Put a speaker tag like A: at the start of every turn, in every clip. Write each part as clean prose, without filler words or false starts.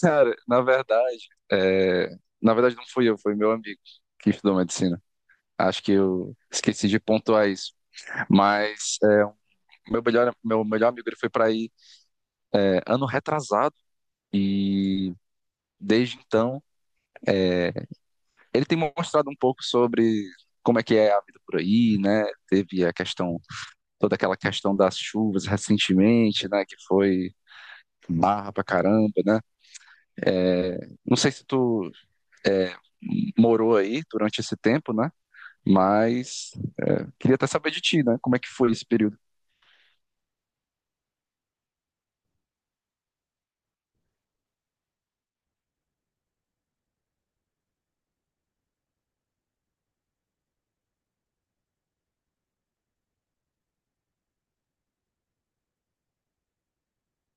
A: Cara, é, na verdade, não fui eu, foi meu amigo que estudou medicina. Acho que eu esqueci de pontuar isso. Mas meu melhor amigo ele foi para aí, ano retrasado, e desde então, eh, ele tem mostrado um pouco sobre como é que é a vida por aí, né? Teve toda aquela questão das chuvas recentemente, né? Que foi barra pra caramba, né? É, não sei se tu é, morou aí durante esse tempo, né? Mas queria até saber de ti, né? Como é que foi esse período?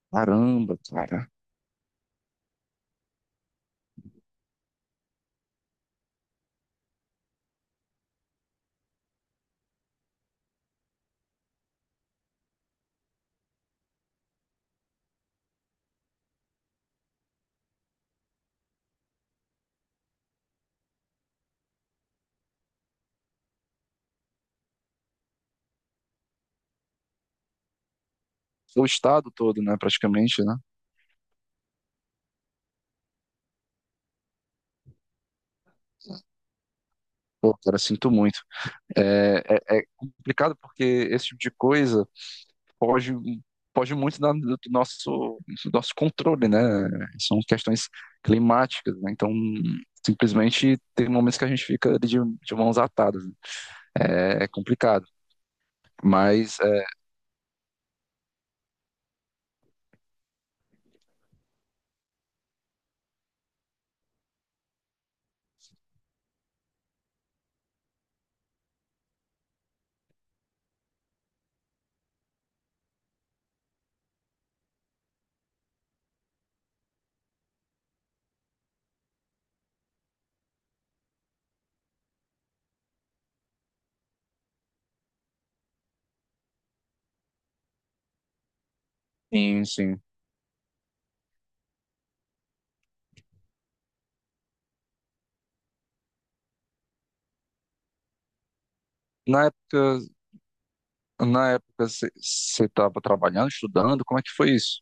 A: Caramba, cara. Foi o estado todo, né? Praticamente, né? Pô, cara, sinto muito. É, é complicado porque esse tipo de coisa foge, foge muito do nosso controle, né? São questões climáticas, né? Então, simplesmente tem momentos que a gente fica de mãos atadas, né? É complicado. Mas, sim, sim. Na época Na época você estava trabalhando, estudando, como é que foi isso?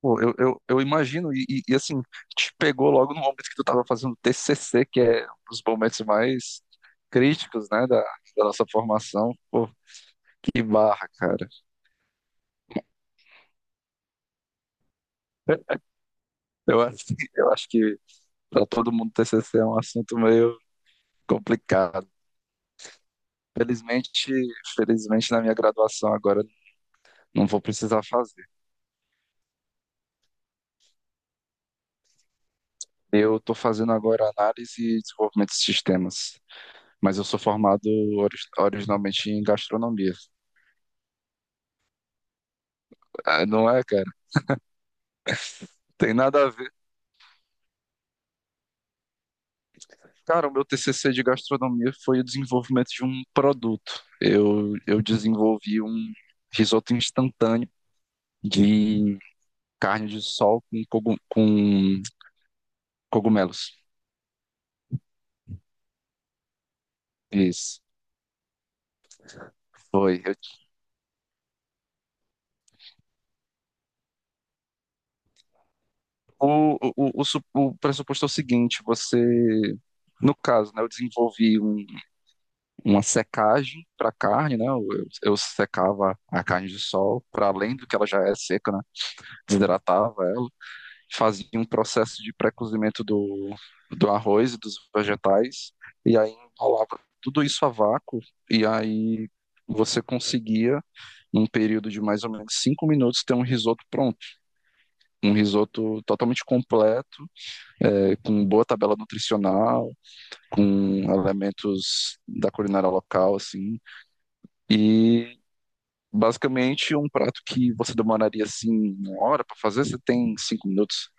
A: Pô, eu imagino, assim, te pegou logo no momento que tu estava fazendo TCC, que é um dos momentos mais críticos, né, da nossa formação. Pô, que barra, cara. Eu, acho que para todo mundo TCC é um assunto meio complicado. Felizmente, felizmente, na minha graduação agora não vou precisar fazer. Eu estou fazendo agora análise e desenvolvimento de sistemas. Mas eu sou formado originalmente em gastronomia. Ah, não é, cara? Tem nada a ver. Cara, o meu TCC de gastronomia foi o desenvolvimento de um produto. Eu desenvolvi um risoto instantâneo de carne de sol com cogumelos. Isso, foi. O, o, o pressuposto é o seguinte, você. No caso, né, eu desenvolvi uma secagem para carne, né? Eu secava a carne de sol, para além do que ela já é seca, né? Desidratava ela, fazia um processo de pré-cozimento do arroz e dos vegetais, e aí enrolava tudo isso a vácuo, e aí você conseguia, num período de mais ou menos 5 minutos, ter um risoto pronto. Um risoto totalmente completo, com boa tabela nutricional, com elementos da culinária local, assim. E basicamente, um prato que você demoraria assim uma hora para fazer, você tem 5 minutos.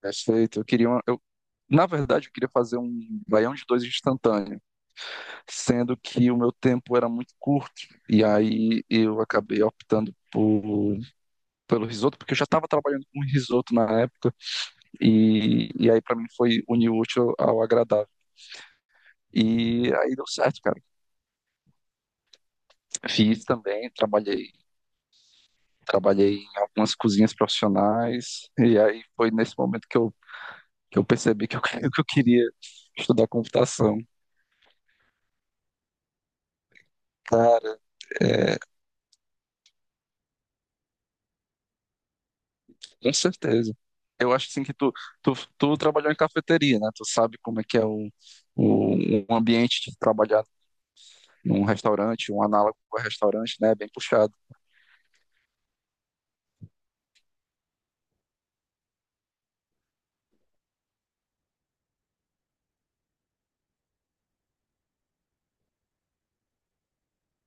A: Perfeito. Eu, na verdade, eu queria fazer um baião de dois instantâneo, sendo que o meu tempo era muito curto e aí eu acabei optando pelo risoto, porque eu já estava trabalhando com risoto na época e aí para mim foi unir o útil ao agradável. E aí deu certo, cara. Fiz também, trabalhei em algumas cozinhas profissionais e aí foi nesse momento que eu percebi que eu queria estudar computação. Cara, é, com certeza. Eu acho assim que tu trabalhou em cafeteria, né? Tu sabe como é que é o, o ambiente de trabalhar num restaurante, um análogo a restaurante, né? É bem puxado.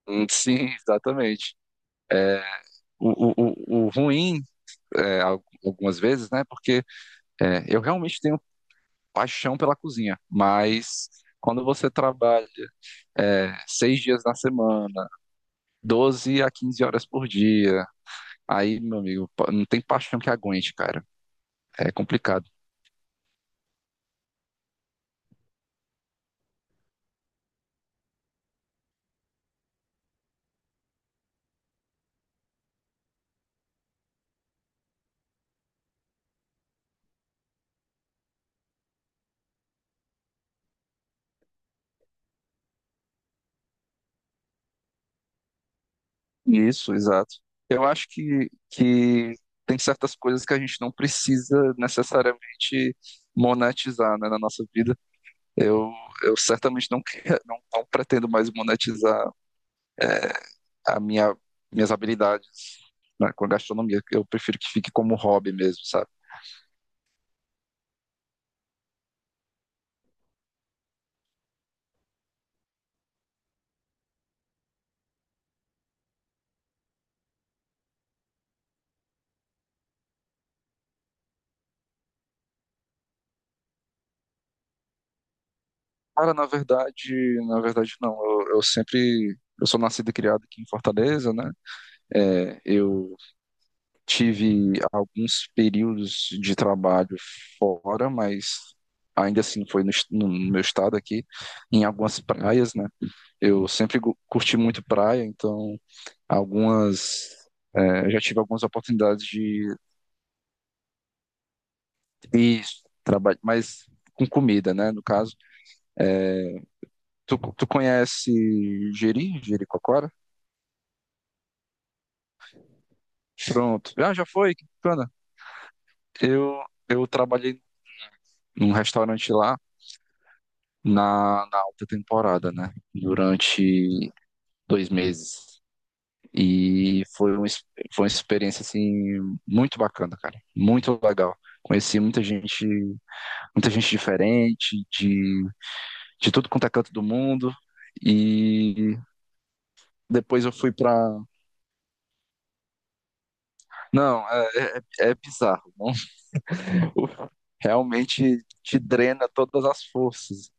A: Sim, exatamente. O ruim é, algumas vezes, né? Porque eu realmente tenho paixão pela cozinha, mas quando você trabalha 6 dias na semana, 12 a 15 horas por dia. Aí, meu amigo, não tem paixão que aguente, cara. É complicado. Isso, exato. Eu acho que tem certas coisas que a gente não precisa necessariamente monetizar, né, na nossa vida. Eu, eu certamente não quero, não pretendo mais monetizar a minha, minhas habilidades, né, com a gastronomia. Eu prefiro que fique como hobby mesmo, sabe? Cara, na verdade não. Eu sou nascido e criado aqui em Fortaleza, né? Eu tive alguns períodos de trabalho fora, mas ainda assim foi no meu estado aqui, em algumas praias, né? Eu sempre curti muito praia, então algumas, eu já tive algumas oportunidades de ir trabalhar, mas com comida, né? No caso, tu conhece Jericoacoara? Pronto. Ah, já foi? Que bacana. Eu, eu trabalhei num restaurante lá na alta temporada, né? Durante 2 meses. E foi uma experiência, assim, muito bacana, cara. Muito legal. Conheci muita gente diferente, de tudo quanto é canto do mundo. E depois eu fui pra. Não, é bizarro. Não? Realmente te drena todas as forças.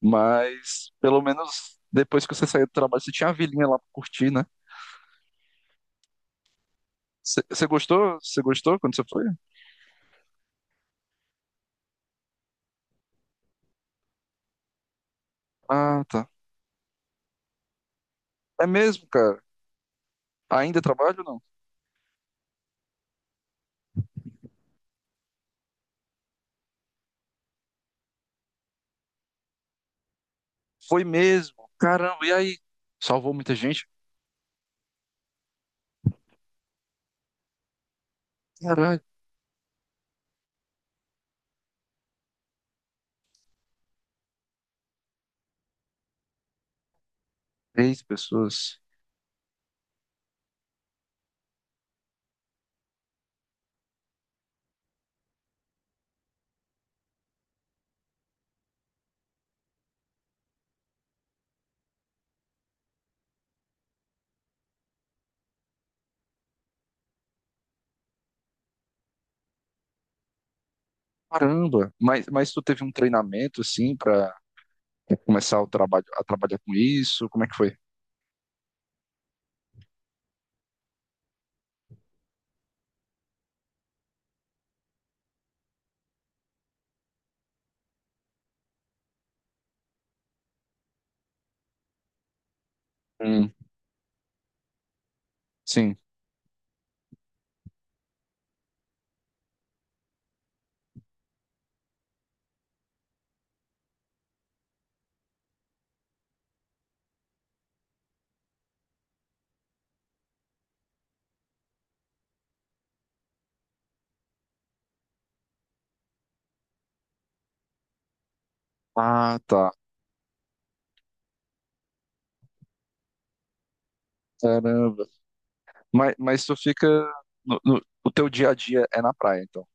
A: Mas pelo menos depois que você saiu do trabalho, você tinha a vilinha lá pra curtir, né? Você gostou? Você gostou quando você foi? Ah, tá. É mesmo, cara. Ainda trabalho ou não? Foi mesmo. Caramba, e aí? Salvou muita gente? Caralho, três pessoas. Caramba. Mas tu teve um treinamento, assim, pra começar o trabalho, a trabalhar com isso? Como é que foi? Hum, sim. Ah, tá. Caramba. Mas tu fica. O teu dia a dia é na praia, então.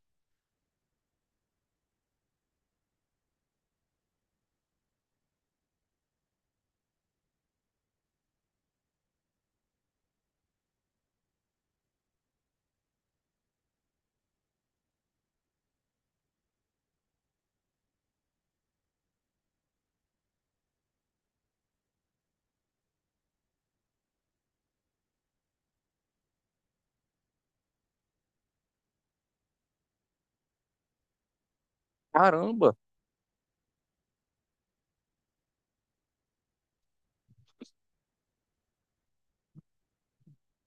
A: Caramba,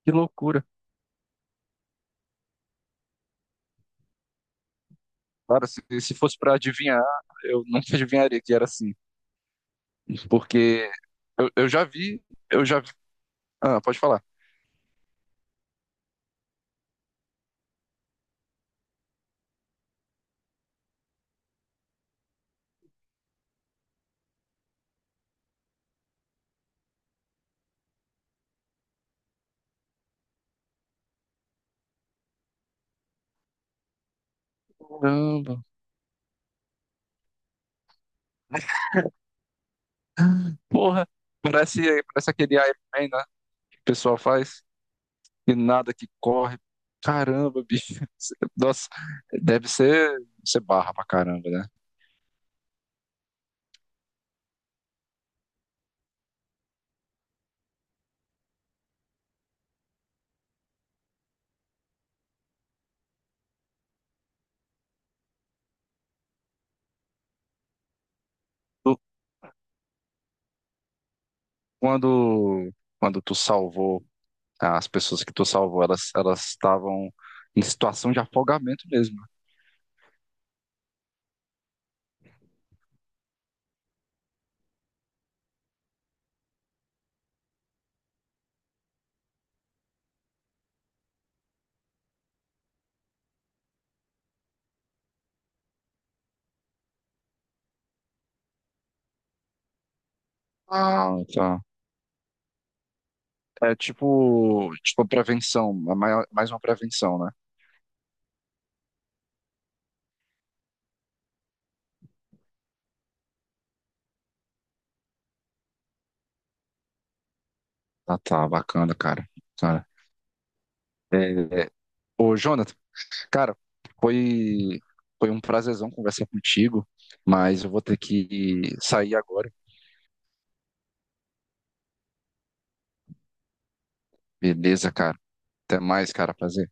A: que loucura. Cara, se fosse pra adivinhar, eu nunca adivinharia que era assim. Porque eu já vi, eu já vi. Ah, pode falar. Caramba, porra. Parece, parece aquele Iron Man, né? Que o pessoal faz e nada que corre. Caramba, bicho. Nossa, deve ser barra pra caramba, né? Tu- Quando, quando tu salvou as pessoas que tu salvou, elas estavam em situação de afogamento mesmo. Ah, tá. É tipo prevenção, mais uma prevenção, né? Ah, tá, bacana, cara. Cara, é, ô, Jonas. Cara, foi, foi um prazerzão conversar contigo, mas eu vou ter que sair agora. Beleza, cara. Até mais, cara. Prazer.